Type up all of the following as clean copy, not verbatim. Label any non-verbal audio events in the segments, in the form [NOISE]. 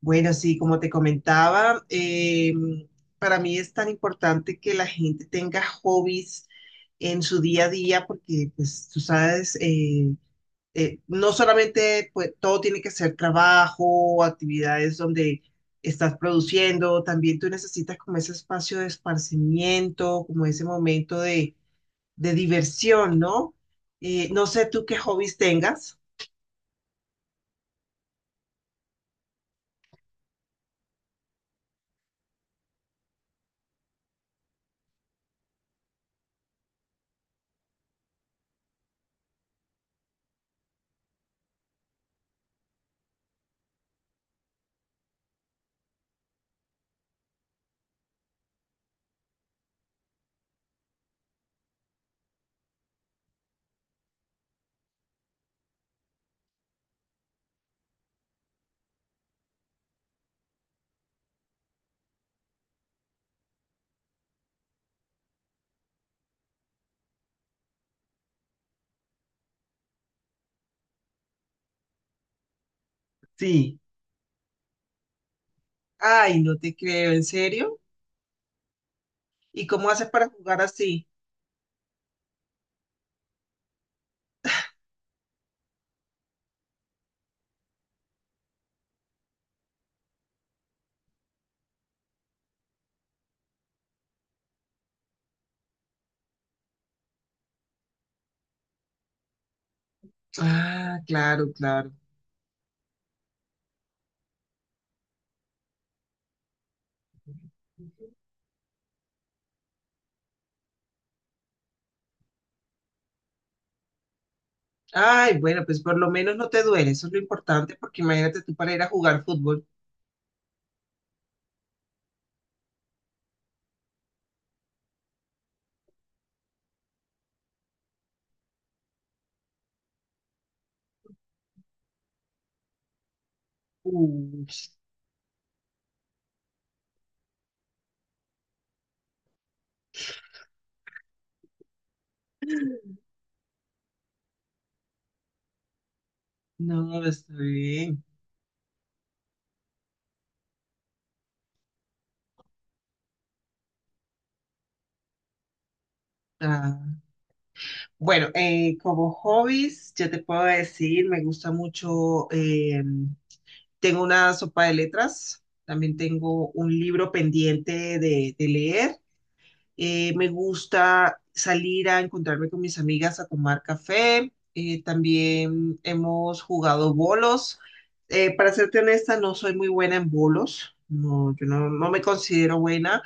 Bueno, sí, como te comentaba, para mí es tan importante que la gente tenga hobbies en su día a día porque, pues, tú sabes, no solamente pues, todo tiene que ser trabajo, actividades donde estás produciendo, también tú necesitas como ese espacio de esparcimiento, como ese momento de diversión, ¿no? No sé tú qué hobbies tengas. Sí. Ay, no te creo, ¿en serio? ¿Y cómo haces para jugar así? Ah, claro, claro. Ay, bueno, pues por lo menos no te duele, eso es lo importante, porque imagínate tú para ir a jugar fútbol. Uy, no, está bien. Ah, bueno, como hobbies, yo te puedo decir, me gusta mucho, tengo una sopa de letras, también tengo un libro pendiente de leer. Me gusta salir a encontrarme con mis amigas a tomar café. También hemos jugado bolos. Para serte honesta, no soy muy buena en bolos. No, yo no, no me considero buena,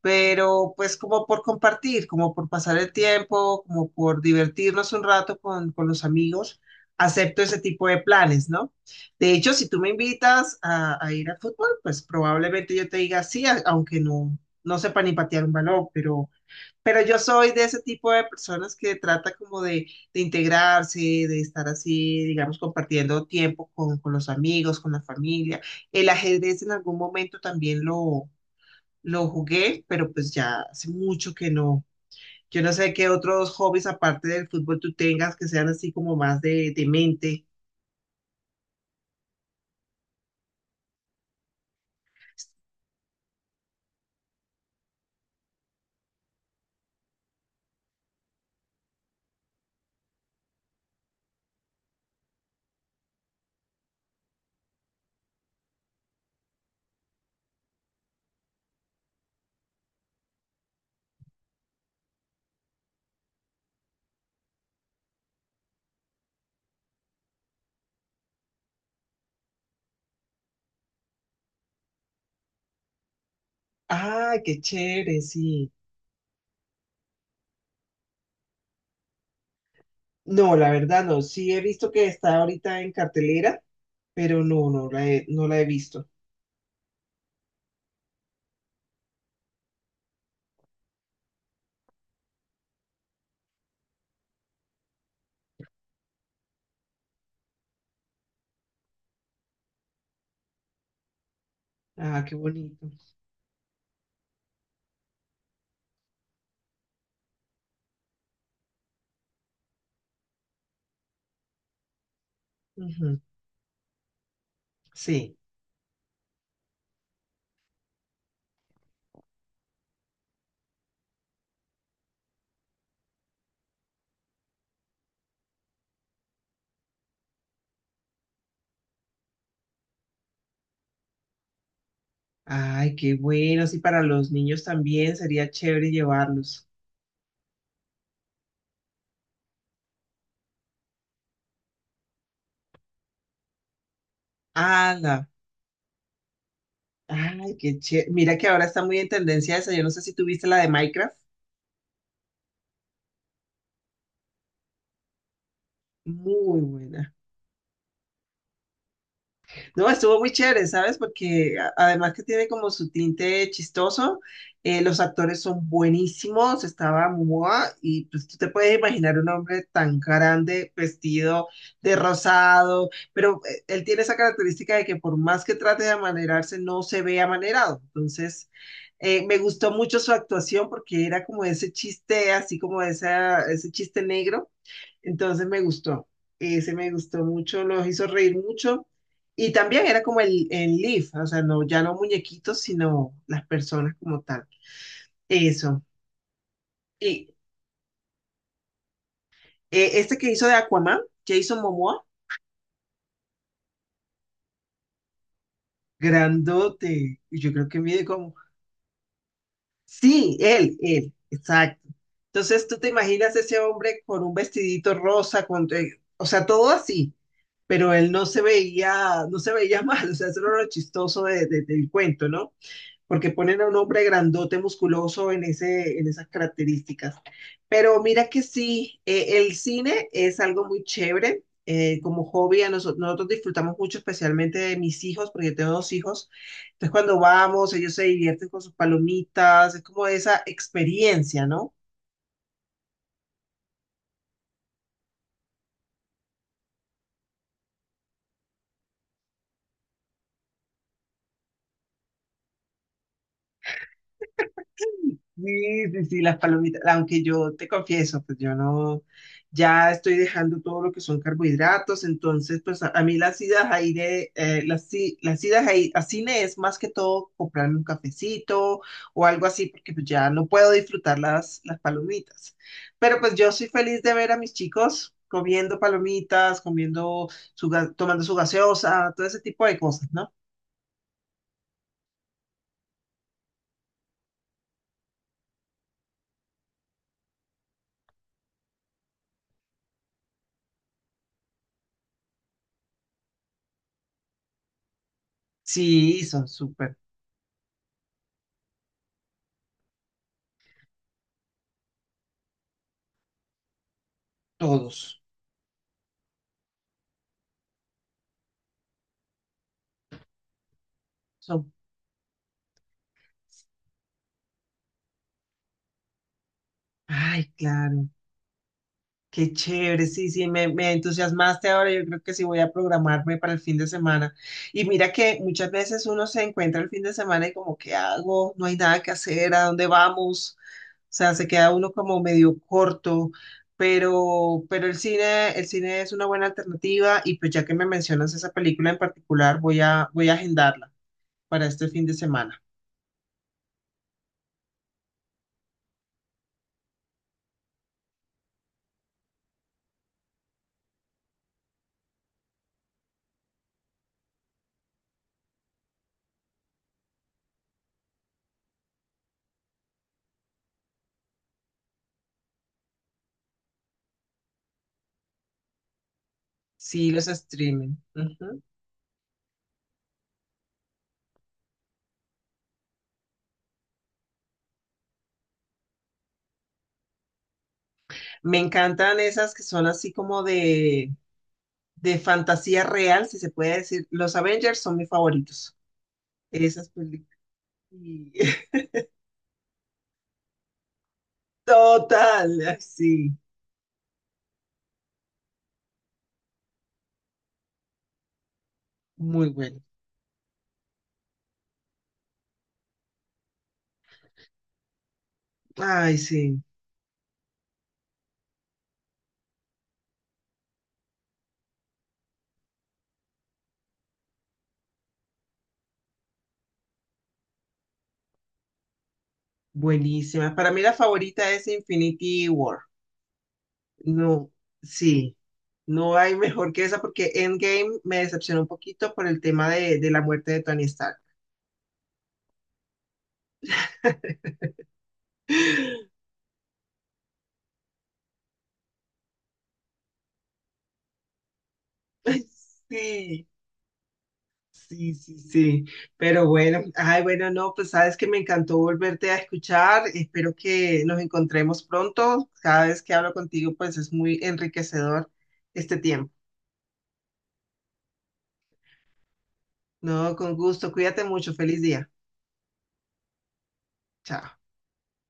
pero pues como por compartir, como por pasar el tiempo, como por divertirnos un rato con los amigos, acepto ese tipo de planes, ¿no? De hecho, si tú me invitas a ir al fútbol, pues probablemente yo te diga sí, aunque no, no sepa ni patear un balón, pero yo soy de ese tipo de personas que trata como de integrarse, de estar así, digamos, compartiendo tiempo con los amigos, con la familia. El ajedrez en algún momento también lo jugué, pero pues ya hace mucho que no. Yo no sé qué otros hobbies aparte del fútbol tú tengas que sean así como más de mente. Ah, qué chévere, sí. No, la verdad no. Sí he visto que está ahorita en cartelera, pero no, no la he visto. Ah, qué bonito. Ujú. Sí. Ay, qué bueno. Sí, para los niños también sería chévere llevarlos. ¡Hala! Ay, qué chévere. Mira que ahora está muy en tendencia esa. Yo no sé si tuviste la de Minecraft. Muy buena. No, estuvo muy chévere, ¿sabes? Porque además que tiene como su tinte chistoso, los actores son buenísimos, estaba Momoa y pues tú te puedes imaginar un hombre tan grande, vestido de rosado, pero él tiene esa característica de que por más que trate de amanerarse, no se ve amanerado. Entonces, me gustó mucho su actuación porque era como ese chiste, así como esa, ese chiste negro, entonces me gustó, ese me gustó mucho, los hizo reír mucho. Y también era como el Leaf, o sea, no, ya no muñequitos, sino las personas como tal. Eso. Y este que hizo de Aquaman, Jason Momoa, grandote. Y yo creo que mide como. Sí, él, exacto. Entonces tú te imaginas ese hombre con un vestidito rosa, con, o sea, todo así, pero él no se veía, no se veía [LAUGHS] mal, o sea, eso era lo chistoso del cuento, ¿no? Porque ponen a un hombre grandote, musculoso en ese, en esas características. Pero mira que sí, el cine es algo muy chévere. Como hobby, a nosotros disfrutamos mucho, especialmente de mis hijos, porque yo tengo dos hijos. Entonces, cuando vamos, ellos se divierten con sus palomitas, es como esa experiencia, ¿no? Sí, sí, sí, las palomitas, aunque yo te confieso, pues yo no, ya estoy dejando todo lo que son carbohidratos, entonces pues a mí las idas a ir aire, las idas a cine es más que todo comprarme un cafecito o algo así, porque pues ya no puedo disfrutar las palomitas. Pero pues yo soy feliz de ver a mis chicos comiendo palomitas, comiendo tomando su gaseosa, todo ese tipo de cosas, ¿no? Sí, son súper, todos, son, ay, claro. Qué chévere, sí, sí, me entusiasmaste ahora. Yo creo que sí voy a programarme para el fin de semana. Y mira que muchas veces uno se encuentra el fin de semana y como, ¿qué hago? No hay nada que hacer, ¿a dónde vamos? O sea, se queda uno como medio corto, pero el cine es una buena alternativa y pues ya que me mencionas esa película en particular, voy a agendarla para este fin de semana. Sí, los streaming. Ujú. Me encantan esas que son así como de fantasía real, si se puede decir. Los Avengers son mis favoritos. Esas películas. Y- [LAUGHS] total, ay, sí, muy bueno. Ay, sí, buenísima. Para mí la favorita es Infinity War. No, sí, no hay mejor que esa porque Endgame me decepcionó un poquito por el tema de la muerte de Tony Stark. [GASPS] [LAUGHS] Ay, sí. Sí, sí, sí. Pero bueno, ay, bueno, no, pues sabes que me encantó volverte a escuchar. Espero que nos encontremos pronto. Cada vez que hablo contigo, pues es muy enriquecedor este tiempo. No, con gusto. Cuídate mucho. Feliz día. Chao.